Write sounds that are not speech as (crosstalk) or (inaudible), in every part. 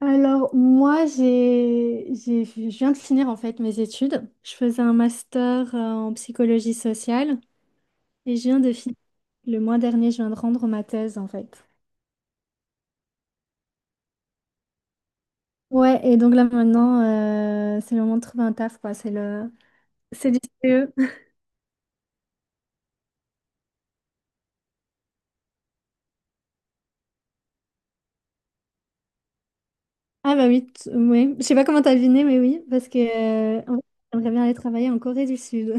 Alors, moi, je viens de finir en fait mes études. Je faisais un master en psychologie sociale et je viens de finir. Le mois dernier, je viens de rendre ma thèse en fait. Ouais, et donc là maintenant, c'est le moment de trouver un taf, quoi. C'est du CE. (laughs) Ah bah oui, ouais. Je sais pas comment t'as deviné, mais oui, parce que en fait, j'aimerais bien aller travailler en Corée du Sud.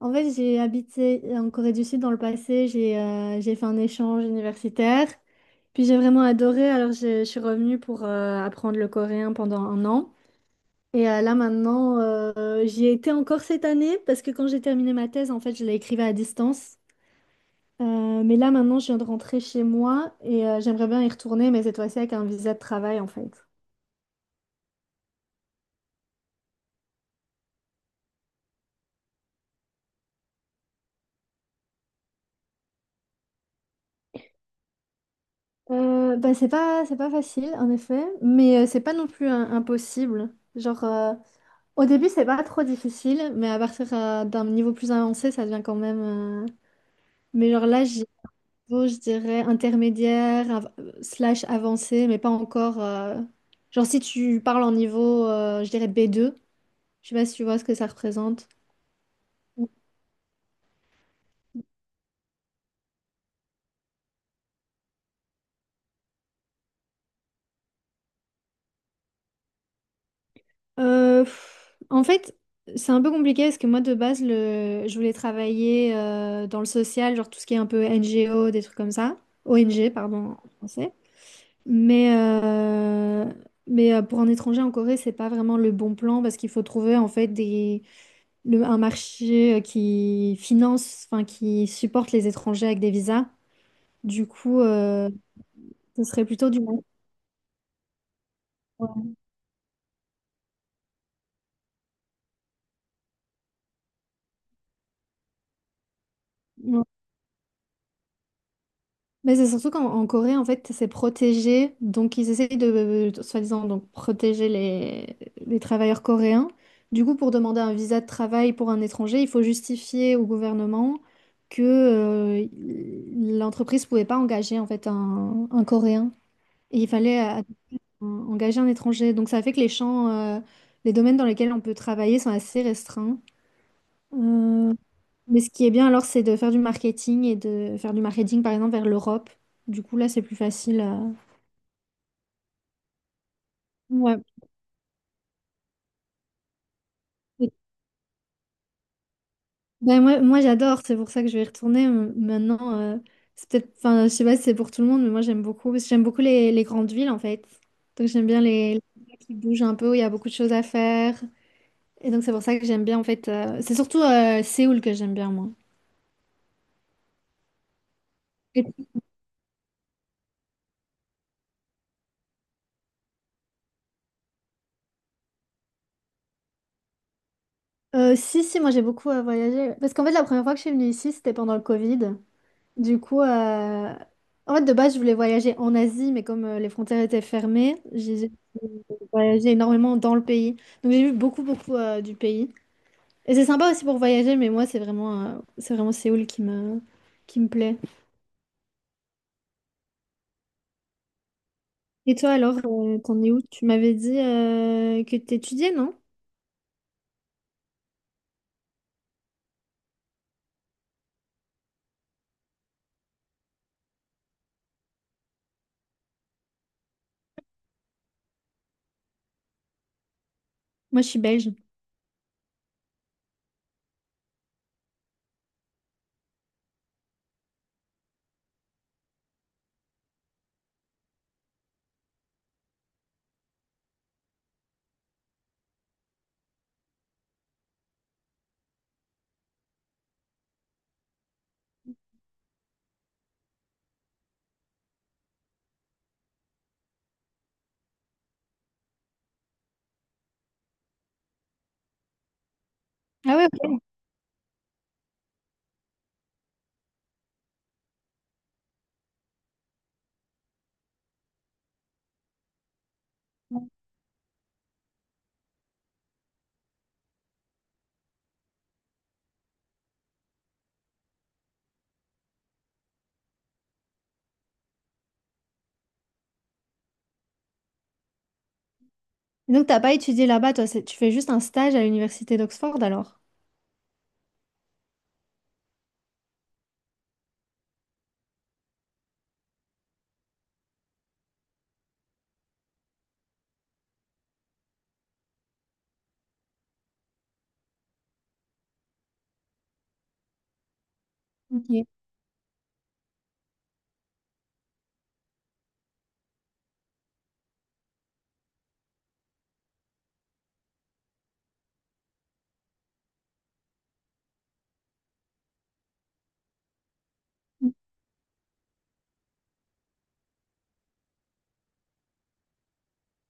En fait, j'ai habité en Corée du Sud dans le passé, j'ai fait un échange universitaire, puis j'ai vraiment adoré, alors je suis revenue pour apprendre le coréen pendant un an. Et là maintenant, j'y ai été encore cette année, parce que quand j'ai terminé ma thèse, en fait, je l'écrivais à distance. Mais là maintenant, je viens de rentrer chez moi et j'aimerais bien y retourner, mais cette fois-ci avec un visa de travail, en fait. Bah, c'est pas facile, en effet, mais c'est pas non plus impossible. Genre, au début, c'est pas trop difficile, mais à partir d'un niveau plus avancé, ça devient quand même. euh, Mais genre là, j'ai niveau, je dirais, intermédiaire, slash avancé, mais pas encore. Genre, si tu parles en niveau, je dirais B2, je sais pas si tu vois ce que ça représente. En fait, c'est un peu compliqué parce que moi, de base, je voulais travailler dans le social, genre tout ce qui est un peu NGO, des trucs comme ça. ONG, pardon, en français. Mais, euh, mais pour un étranger en Corée, c'est pas vraiment le bon plan parce qu'il faut trouver en fait un marché qui finance, enfin qui supporte les étrangers avec des visas. Du coup, ce serait plutôt du... Ouais. Mais c'est surtout qu'en en Corée, en fait, c'est protégé. Donc, ils essayent de, soi-disant, donc, protéger les travailleurs coréens. Du coup, pour demander un visa de travail pour un étranger, il faut justifier au gouvernement que l'entreprise ne pouvait pas engager, en fait, un Coréen. Et il fallait engager un étranger. Donc, ça fait que les champs, les domaines dans lesquels on peut travailler sont assez restreints. Euh, mais ce qui est bien alors, c'est de faire du marketing et de faire du marketing par exemple vers l'Europe. Du coup, là, c'est plus facile à... Ouais. Et- Ben, moi j'adore, c'est pour ça que je vais y retourner maintenant. C'est peut-être, enfin, je sais pas si c'est pour tout le monde, mais moi, j'aime beaucoup, parce que j'aime beaucoup les grandes villes en fait. Donc, j'aime bien les villes qui bougent un peu, où il y a beaucoup de choses à faire. Et donc, c'est pour ça que j'aime bien en fait. C'est surtout Séoul que j'aime bien, moi. Et- Si, si, moi, j'ai beaucoup voyagé. Parce qu'en fait, la première fois que je suis venue ici, c'était pendant le Covid. Du coup, en fait, de base, je voulais voyager en Asie, mais comme les frontières étaient fermées, j'ai voyagé énormément dans le pays. Donc, j'ai vu beaucoup du pays. Et c'est sympa aussi pour voyager, mais moi, c'est vraiment Séoul qui qui me plaît. Et toi, alors, t'en es où? Tu m'avais dit que t'étudiais, non? Moi, je suis belge. Ah ouais, ok. Et donc, t'as pas étudié là-bas, toi, tu fais juste un stage à l'université d'Oxford, alors? Ok.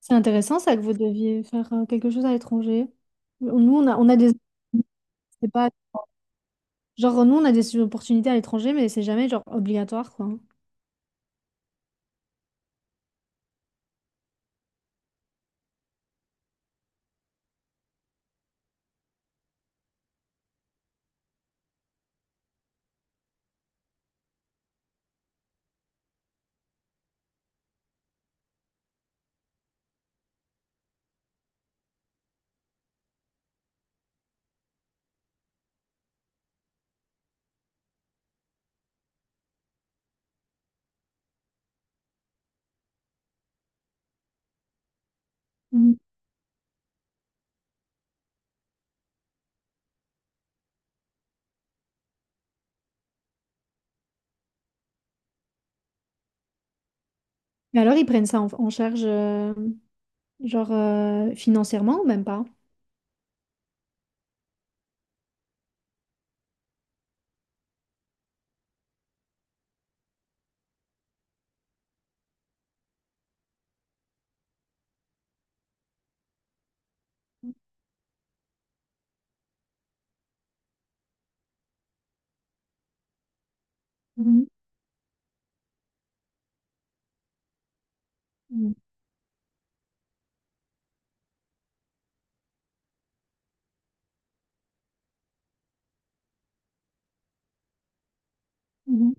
C'est intéressant ça que vous deviez faire quelque chose à l'étranger. Nous, on a des... C'est pas... Genre, nous, on a des opportunités à l'étranger, mais c'est jamais genre obligatoire, quoi. Mhm. Mais alors, ils prennent ça en charge, genre, financièrement ou même pas? Mhm. Mhm. Mhm.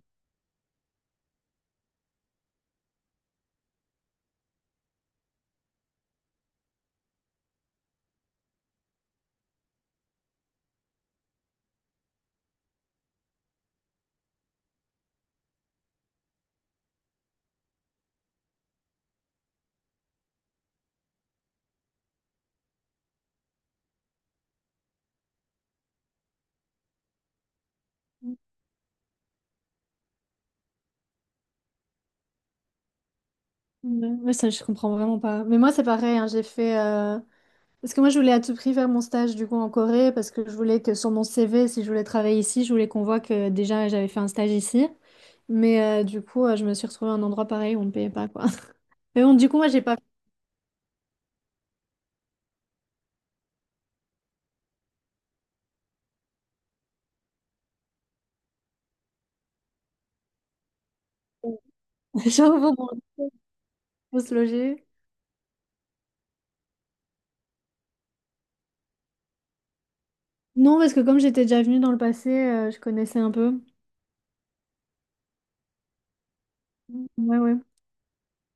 Ouais, ouais, ça, je comprends vraiment pas. Mais moi, c'est pareil, hein, j'ai fait... Parce que moi, je voulais à tout prix faire mon stage du coup en Corée parce que je voulais que sur mon CV, si je voulais travailler ici, je voulais qu'on voit que déjà j'avais fait un stage ici. Mais je me suis retrouvée à un endroit pareil où on ne payait pas quoi. (laughs) Mais bon, du coup, moi, j'ai pas. J'avoue, bon, (laughs) faut faut se loger. Non, parce que comme j'étais déjà venue dans le passé, je connaissais un peu. Ouais, ouais.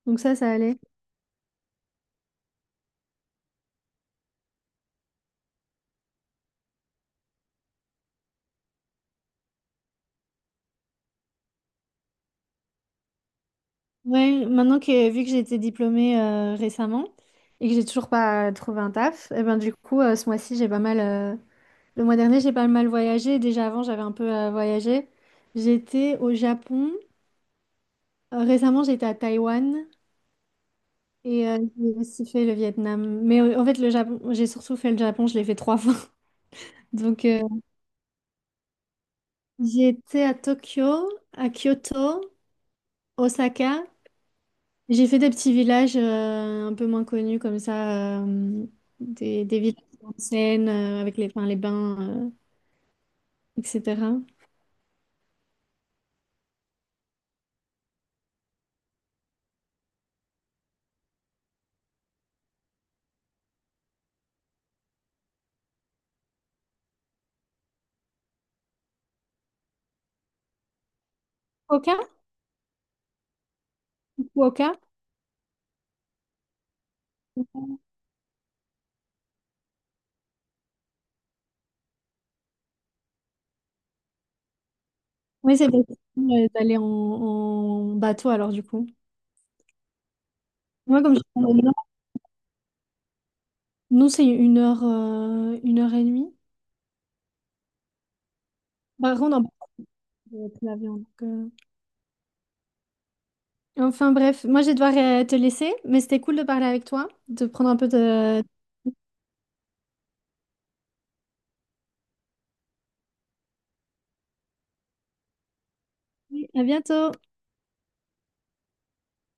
Donc ça allait. Ouais, maintenant que vu que j'ai été diplômée récemment et que j'ai toujours pas trouvé un taf, et ben du coup, ce mois-ci, j'ai pas mal. Le mois dernier, j'ai pas mal voyagé. Déjà avant, j'avais un peu voyagé. J'étais au Japon. Récemment, j'étais à Taïwan et j'ai aussi fait le Vietnam. Mais en fait, le Japon, j'ai surtout fait le Japon. Je l'ai fait trois (laughs) fois. Donc, j'étais à Tokyo, à Kyoto, Osaka. J'ai fait des petits villages un peu moins connus comme ça, des villages en scène avec enfin, les bains, euh, etc. Fukuoka? Fukuoka? Oui, c'est possible d'aller en, en bateau alors du coup. Moi, comme je suis en Nord, nous, c'est une heure et demie. Par contre, en bateau, plus l'avion. Donc, Enfin bref, moi, je vais devoir te laisser, mais c'était cool de parler avec toi, de prendre un peu de... À bientôt!